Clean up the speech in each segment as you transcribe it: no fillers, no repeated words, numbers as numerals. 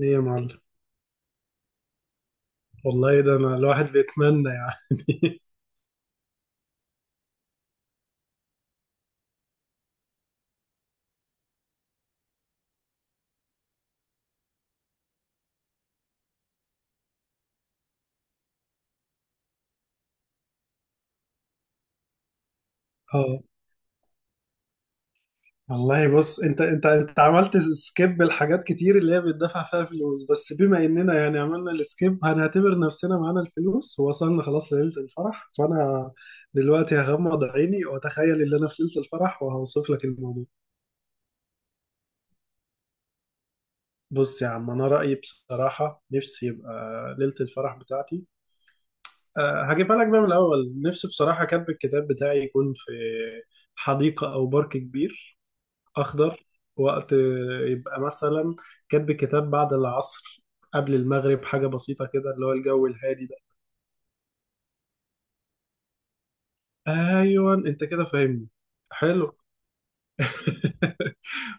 ايه يا معلم. والله ده انا الواحد بيتمنى يعني. اه. والله بص، انت عملت سكيب لحاجات كتير اللي هي بتدفع فيها فلوس، بس بما اننا يعني عملنا السكيب هنعتبر نفسنا معانا الفلوس ووصلنا خلاص ليلة الفرح، فانا دلوقتي هغمض عيني واتخيل ان انا في ليلة الفرح وهوصف لك الموضوع. بص يا عم، انا رأيي بصراحة نفسي يبقى ليلة الفرح بتاعتي. أه، هجيبها لك بقى من الاول. نفسي بصراحة كاتب الكتاب بتاعي يكون في حديقة او بارك كبير أخضر. وقت يبقى مثلا كاتب كتاب بعد العصر، قبل المغرب، حاجة بسيطة كده اللي هو الجو الهادي ده. أيوة أنت كده فاهمني. حلو.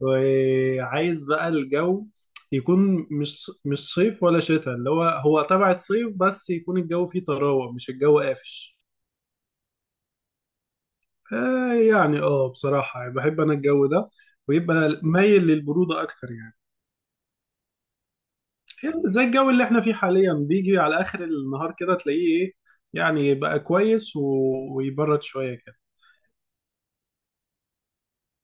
وعايز بقى الجو يكون مش صيف ولا شتاء اللي هو هو تبع الصيف، بس يكون الجو فيه طراوة، مش الجو قافش. آه يعني، بصراحة يعني بحب أنا الجو ده. ويبقى مايل للبرودة أكتر يعني. زي الجو اللي احنا فيه حاليا بيجي على اخر النهار كده تلاقيه ايه، يعني بقى كويس ويبرد شويه كده.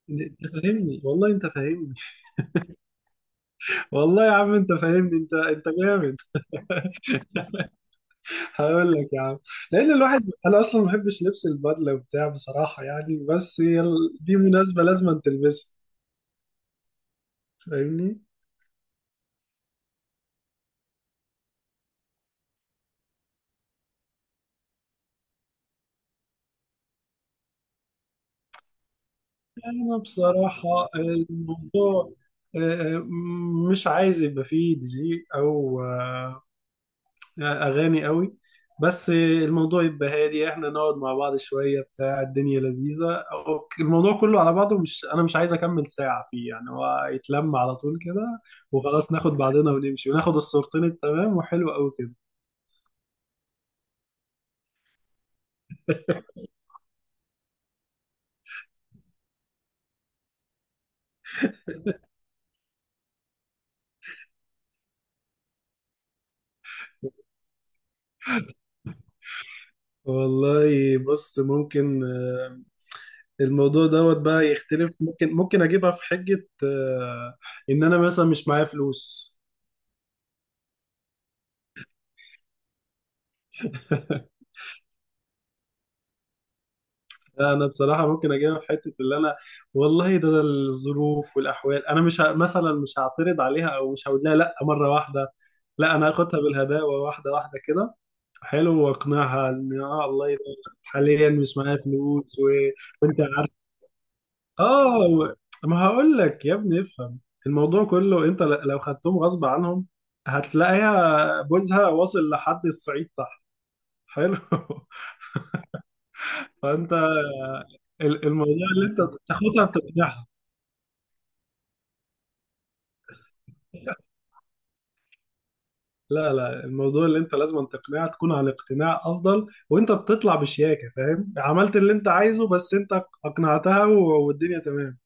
انت فاهمني، والله انت فاهمني. والله يا عم انت فاهمني، انت جامد. هقول لك يا عم، لان الواحد انا اصلا ما بحبش لبس البدله وبتاع بصراحه يعني، بس هي دي مناسبه لازم تلبسها. فاهمني. يعني انا بصراحه الموضوع، آه، آه، مش عايز يبقى فيه دي جي او اغاني قوي. بس الموضوع يبقى هادي، احنا نقعد مع بعض شويه، بتاع الدنيا لذيذه الموضوع كله على بعضه، مش انا مش عايز اكمل ساعه فيه يعني، هو يتلم على طول كده وخلاص، ناخد بعضنا ونمشي وناخد الصورتين التمام وحلو قوي كده. والله بص، ممكن الموضوع دوت بقى يختلف. ممكن اجيبها في حجة، ان انا مثلا مش معايا فلوس. لا انا بصراحه ممكن اجيبها في حته اللي انا، والله ده، الظروف والاحوال. انا مش مثلا مش هعترض عليها، او مش هقول لها لا مره واحده. لا، انا هاخدها بالهداوه، واحده واحده كده. حلو. واقنعها ان اه، حاليا مش معايا فلوس وانت عارف. اه و... ما هقول لك يا ابني، افهم. الموضوع كله انت لو خدتهم غصب عنهم هتلاقيها بوزها واصل لحد الصعيد تحت. حلو. فانت الموضوع اللي انت تاخدها بتقنعها. لا لا، الموضوع اللي انت لازم تقنعها، تكون على اقتناع افضل وانت بتطلع بشياكه، فاهم؟ عملت اللي انت عايزه، بس انت اقنعتها والدنيا تمام.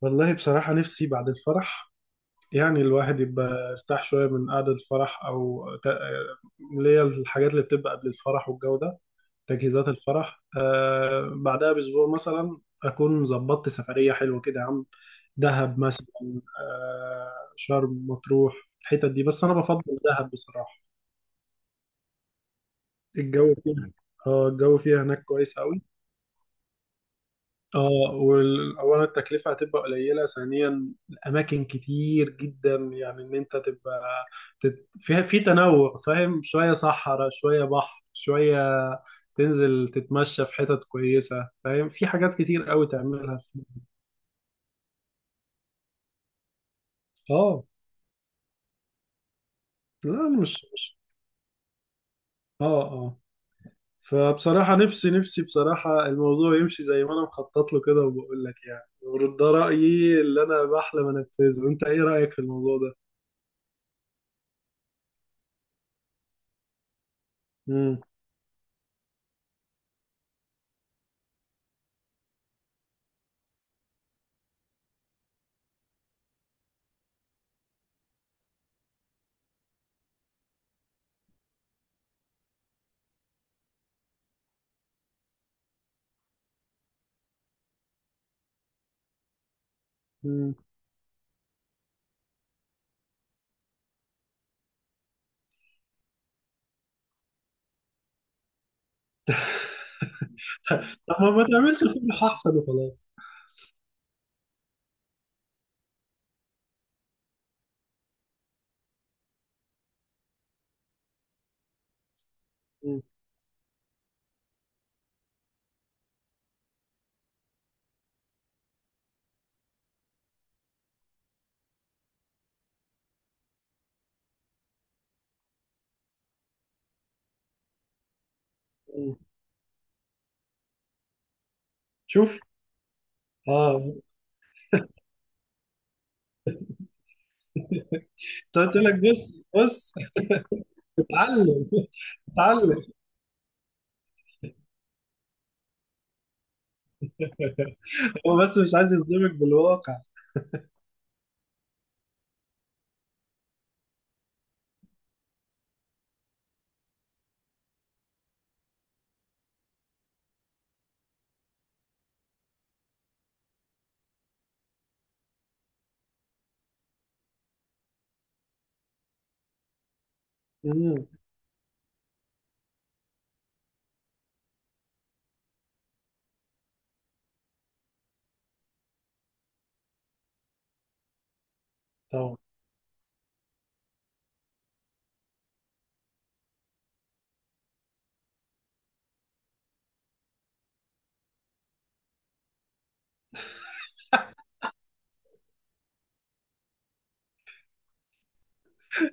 والله بصراحه نفسي بعد الفرح، يعني الواحد يبقى ارتاح شويه من قعده الفرح اللي هي الحاجات اللي بتبقى قبل الفرح والجو ده، تجهيزات الفرح. آه، بعدها باسبوع مثلا اكون ظبطت سفريه حلوه كده يا عم. دهب مثلا، آه، شرم، مطروح، الحتت دي، بس انا بفضل دهب بصراحه. الجو فيها، اه الجو فيها هناك كويس قوي. اه، واولا التكلفه هتبقى قليله، ثانيا الاماكن كتير جدا، يعني ان انت تبقى فيها في تنوع، فاهم؟ شويه صحراء شويه بحر، شويه تنزل تتمشى في حتت كويسه، فاهم؟ في حاجات كتير قوي تعملها في. اه، لا أنا مش. اه. آه. فبصراحة نفسي، بصراحة الموضوع يمشي زي ما أنا مخطط له كده. وبقول لك يعني ورد ده رأيي اللي أنا بحلم أنفذه. أنت إيه رأيك في الموضوع ده؟ مم. مم. طب ما تعملش الفيلم أحسن وخلاص. مم. مم. شوف. اه، كنت قلت لك بص بص. اتعلم. اتعلم. هو بس مش عايز يصدمك بالواقع. مم. طبعا.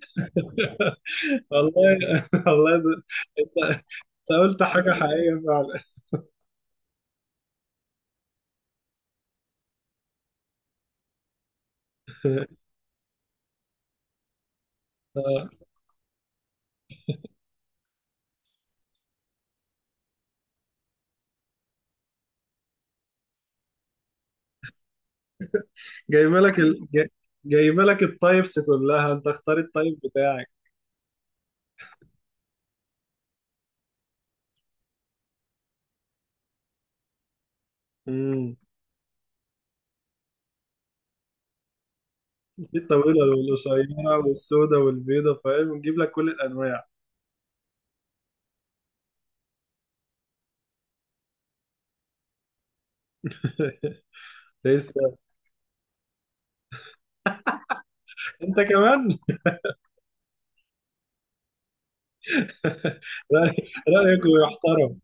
والله والله انت، انت قلت حاجة حقيقية فعلا. آه. جايبه لك جايبه لك التايبس كلها، انت اختار التايب بتاعك. امم. في الطويله والقصيره والسوداء والبيضه، فاهم؟ ونجيب لك كل الانواع. لسه انت كمان. رأي- رايك يحترم.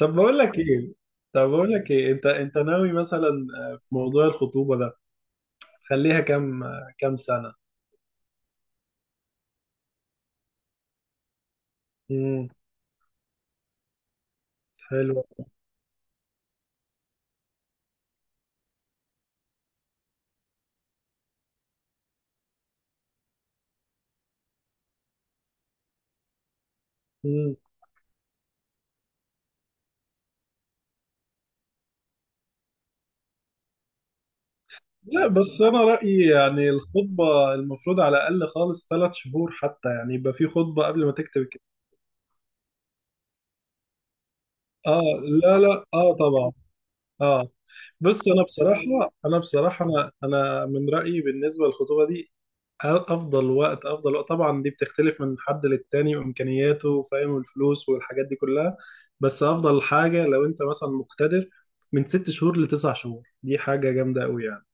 طب بقول لك ايه، انت، ناوي مثلا، في موضوع الخطوبه ده تخليها كام، سنه؟ امم. حلو. لا بس أنا رأيي يعني الخطبة المفروض على الأقل خالص 3 شهور، حتى يعني يبقى في خطبة قبل ما تكتب الكتاب. آه. لا لا، آه طبعا. آه. بص أنا بصراحة، أنا من رأيي بالنسبة للخطوبة دي، أفضل وقت، طبعا دي بتختلف من حد للتاني وإمكانياته، فاهم؟ والفلوس والحاجات دي كلها. بس أفضل حاجة لو أنت مثلا مقتدر، من 6 شهور لتسع شهور، دي حاجة جامدة أوي يعني.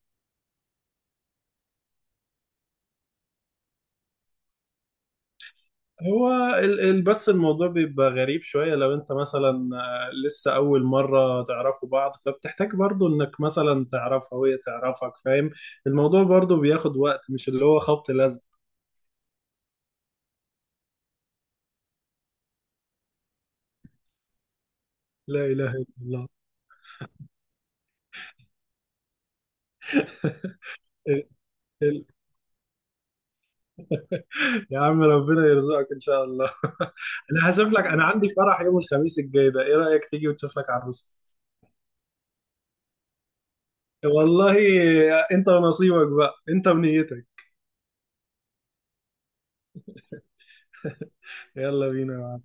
هو بس الموضوع بيبقى غريب شوية، لو انت مثلا، لسه أول مرة تعرفوا بعض، فبتحتاج برضو انك مثلا تعرفها وهي تعرفك، فاهم؟ الموضوع برضو بياخد وقت، مش اللي هو خبط لزق. لا إله إلا الله. ال- ال- يا عم ربنا يرزقك إن شاء الله. أنا هشوف لك. أنا عندي فرح يوم الخميس الجاي ده، إيه رأيك تيجي وتشوف لك عروسة؟ والله، انت ونصيبك بقى، انت ونيتك. يلا بينا.